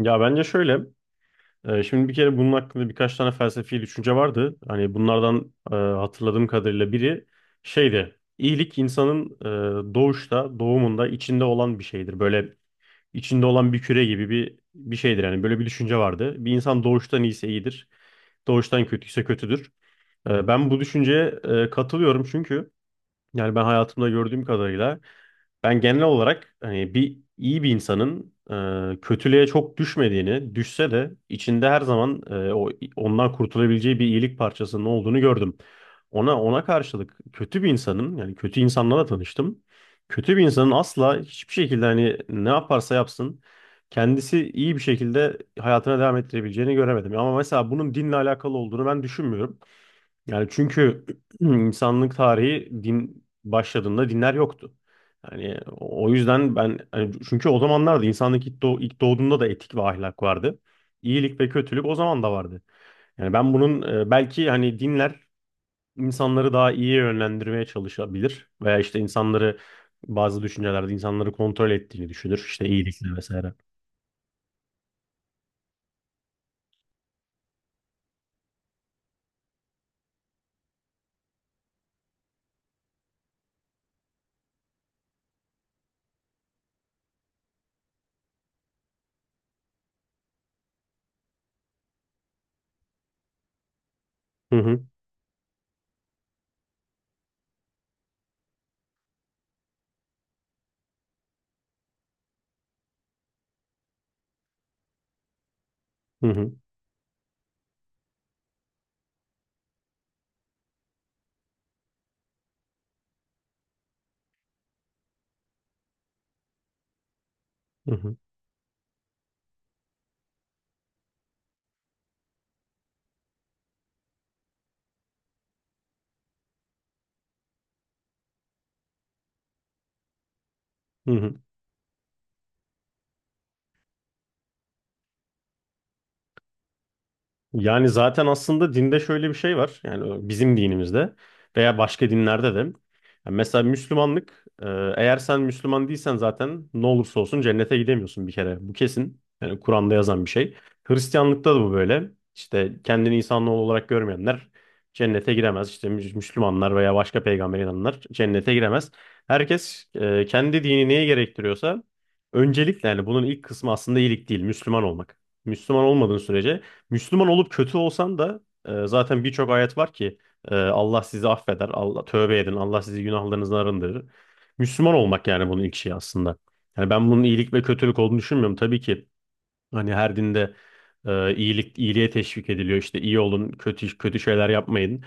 Ya bence şöyle. Şimdi bir kere bunun hakkında birkaç tane felsefi düşünce vardı. Hani bunlardan hatırladığım kadarıyla biri şeydi. İyilik insanın doğumunda içinde olan bir şeydir. Böyle içinde olan bir küre gibi bir şeydir. Yani böyle bir düşünce vardı. Bir insan doğuştan iyiyse iyidir. Doğuştan kötüyse kötüdür. Ben bu düşünceye katılıyorum çünkü yani ben hayatımda gördüğüm kadarıyla ben genel olarak hani iyi bir insanın kötülüğe çok düşmediğini, düşse de içinde her zaman e, o ondan kurtulabileceği bir iyilik parçasının olduğunu gördüm. Ona karşılık kötü bir insanın yani kötü insanlarla tanıştım. Kötü bir insanın asla hiçbir şekilde hani ne yaparsa yapsın kendisi iyi bir şekilde hayatına devam ettirebileceğini göremedim. Ama mesela bunun dinle alakalı olduğunu ben düşünmüyorum. Yani çünkü insanlık tarihi din başladığında dinler yoktu. Yani o yüzden ben hani çünkü o zamanlarda insanlık ilk doğduğunda da etik ve ahlak vardı. İyilik ve kötülük o zaman da vardı. Yani ben bunun belki hani dinler insanları daha iyi yönlendirmeye çalışabilir veya işte insanları bazı düşüncelerde insanları kontrol ettiğini düşünür. İşte iyilikle vesaire. Hı hı, hı hı, hı hı. Hı hı. Yani zaten aslında dinde şöyle bir şey var. Yani bizim dinimizde veya başka dinlerde de. Yani mesela Müslümanlık, eğer sen Müslüman değilsen zaten ne olursa olsun cennete gidemiyorsun bir kere. Bu kesin. Yani Kur'an'da yazan bir şey. Hristiyanlıkta da bu böyle. İşte kendini insanoğlu olarak görmeyenler cennete giremez. İşte Müslümanlar veya başka peygamber inananlar cennete giremez. Herkes kendi dini neye gerektiriyorsa öncelikle yani bunun ilk kısmı aslında iyilik değil, Müslüman olmak. Müslüman olmadığın sürece Müslüman olup kötü olsan da zaten birçok ayet var ki Allah sizi affeder, Allah tövbe edin, Allah sizi günahlarınızdan arındırır. Müslüman olmak yani bunun ilk şeyi aslında. Yani ben bunun iyilik ve kötülük olduğunu düşünmüyorum. Tabii ki hani her dinde iyiliğe teşvik ediliyor. İşte iyi olun, kötü kötü şeyler yapmayın.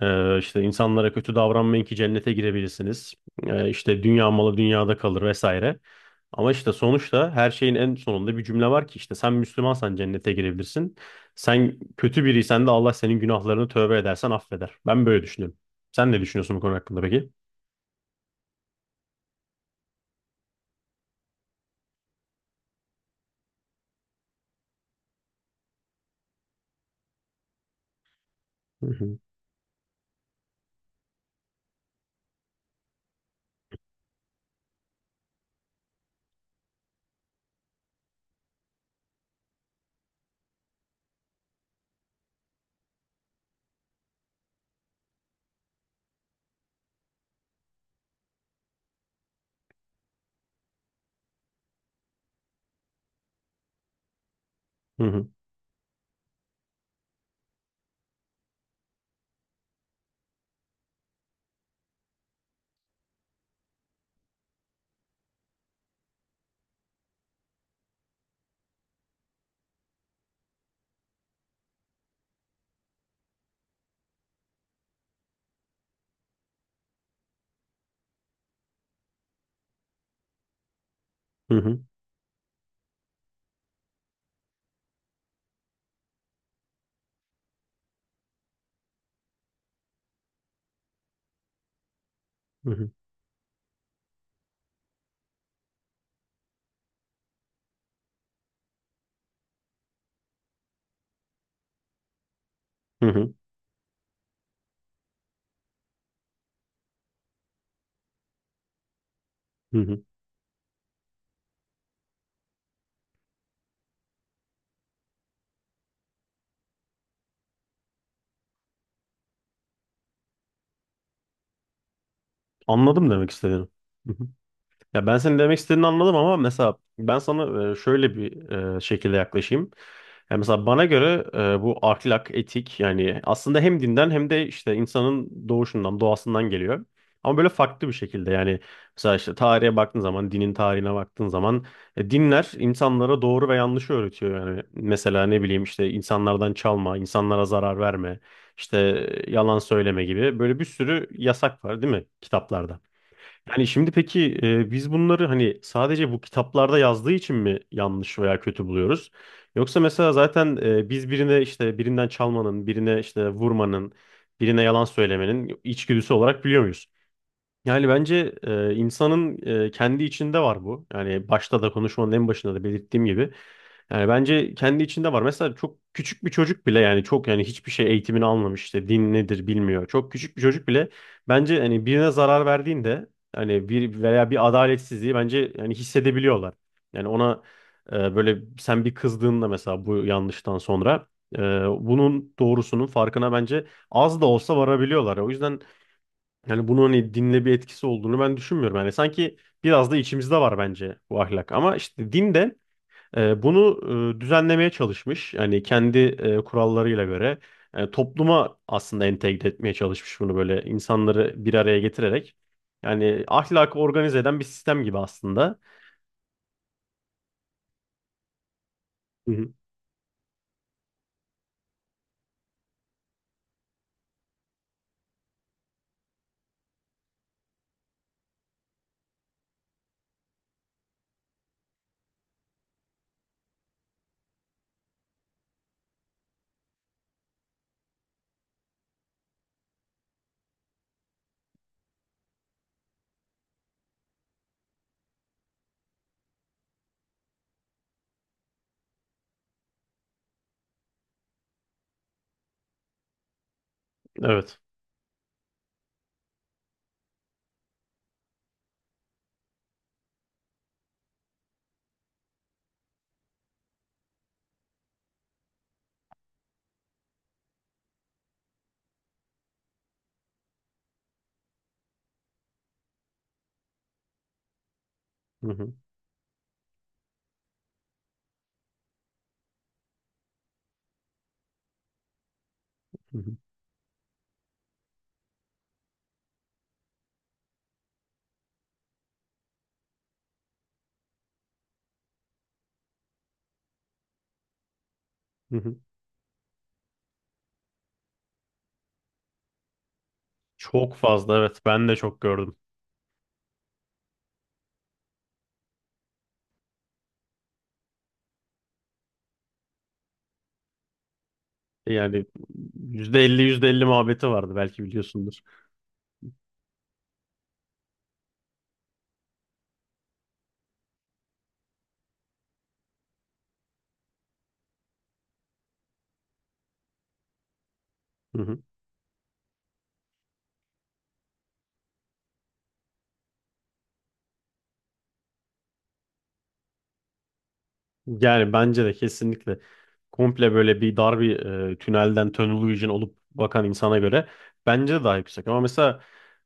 İşte insanlara kötü davranmayın ki cennete girebilirsiniz. İşte dünya malı dünyada kalır vesaire. Ama işte sonuçta her şeyin en sonunda bir cümle var ki işte sen Müslümansan cennete girebilirsin. Sen kötü biriysen de Allah senin günahlarını tövbe edersen affeder. Ben böyle düşünüyorum. Sen ne düşünüyorsun bu konu hakkında peki? Hı hı, hı hı, hı hı, hı hı, hı hı, hı hı. Anladım demek istediğini. Hı hı. Ya ben senin demek istediğini anladım ama mesela ben sana şöyle bir şekilde yaklaşayım. Yani mesela bana göre bu ahlak, etik yani aslında hem dinden hem de işte insanın doğuşundan, doğasından geliyor. Ama böyle farklı bir şekilde yani mesela işte tarihe baktığın zaman, dinin tarihine baktığın zaman dinler insanlara doğru ve yanlışı öğretiyor. Yani mesela ne bileyim işte insanlardan çalma, insanlara zarar verme, işte yalan söyleme gibi böyle bir sürü yasak var değil mi kitaplarda? Yani şimdi peki biz bunları hani sadece bu kitaplarda yazdığı için mi yanlış veya kötü buluyoruz? Yoksa mesela zaten biz birine işte birinden çalmanın, birine işte vurmanın, birine yalan söylemenin içgüdüsü olarak biliyor yani bence insanın kendi içinde var bu. Yani başta da konuşmanın en başında da belirttiğim gibi. Yani bence kendi içinde var. Mesela çok küçük bir çocuk bile yani çok yani hiçbir şey eğitimini almamış işte din nedir bilmiyor. Çok küçük bir çocuk bile bence hani birine zarar verdiğinde hani bir adaletsizliği bence yani hissedebiliyorlar. Yani ona böyle sen bir kızdığında mesela bu yanlıştan sonra e, bunun doğrusunun farkına bence az da olsa varabiliyorlar. O yüzden yani bunun hani dinle bir etkisi olduğunu ben düşünmüyorum. Yani sanki biraz da içimizde var bence bu ahlak. Ama işte din de bunu düzenlemeye çalışmış. Yani kendi kurallarıyla göre topluma aslında entegre etmeye çalışmış bunu böyle insanları bir araya getirerek. Yani ahlakı organize eden bir sistem gibi aslında. Hı hı. Evet. Hı hı. Hı hı. Hı hı. Çok fazla evet, ben de çok gördüm. Yani yüzde elli yüzde elli muhabbeti vardı, belki biliyorsundur. Hı hı. Yani bence de kesinlikle komple böyle bir dar bir tünelden tunnel vision olup bakan insana göre bence de daha yüksek. Ama mesela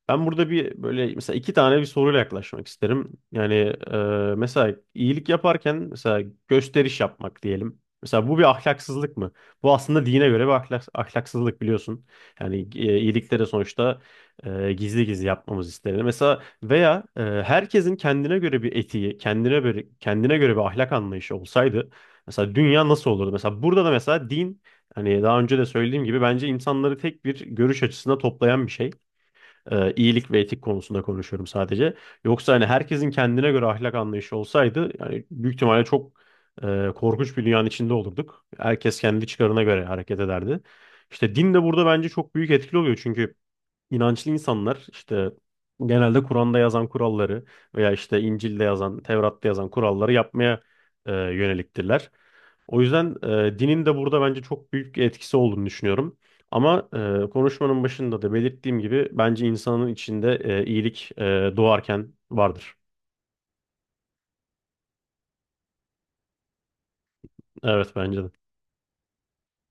ben burada bir böyle mesela iki tane soruyla yaklaşmak isterim. Yani e, mesela iyilik yaparken mesela gösteriş yapmak diyelim. Mesela bu bir ahlaksızlık mı? Bu aslında dine göre bir ahlak, ahlaksızlık biliyorsun. Yani iyilikleri sonuçta gizli gizli yapmamız istenir. Mesela veya herkesin kendine göre bir etiği, kendine göre bir ahlak anlayışı olsaydı mesela dünya nasıl olurdu? Mesela burada da mesela din hani daha önce de söylediğim gibi bence insanları tek bir görüş açısına toplayan bir şey. İyilik ve etik konusunda konuşuyorum sadece. Yoksa hani herkesin kendine göre ahlak anlayışı olsaydı yani büyük ihtimalle çok korkunç bir dünyanın içinde olurduk. Herkes kendi çıkarına göre hareket ederdi. İşte din de burada bence çok büyük etkili oluyor, çünkü İnançlı insanlar işte genelde Kur'an'da yazan kuralları veya işte İncil'de yazan, Tevrat'ta yazan kuralları yapmaya yöneliktirler. O yüzden dinin de burada bence çok büyük bir etkisi olduğunu düşünüyorum. Ama konuşmanın başında da belirttiğim gibi bence insanın içinde iyilik doğarken vardır. Evet bence de.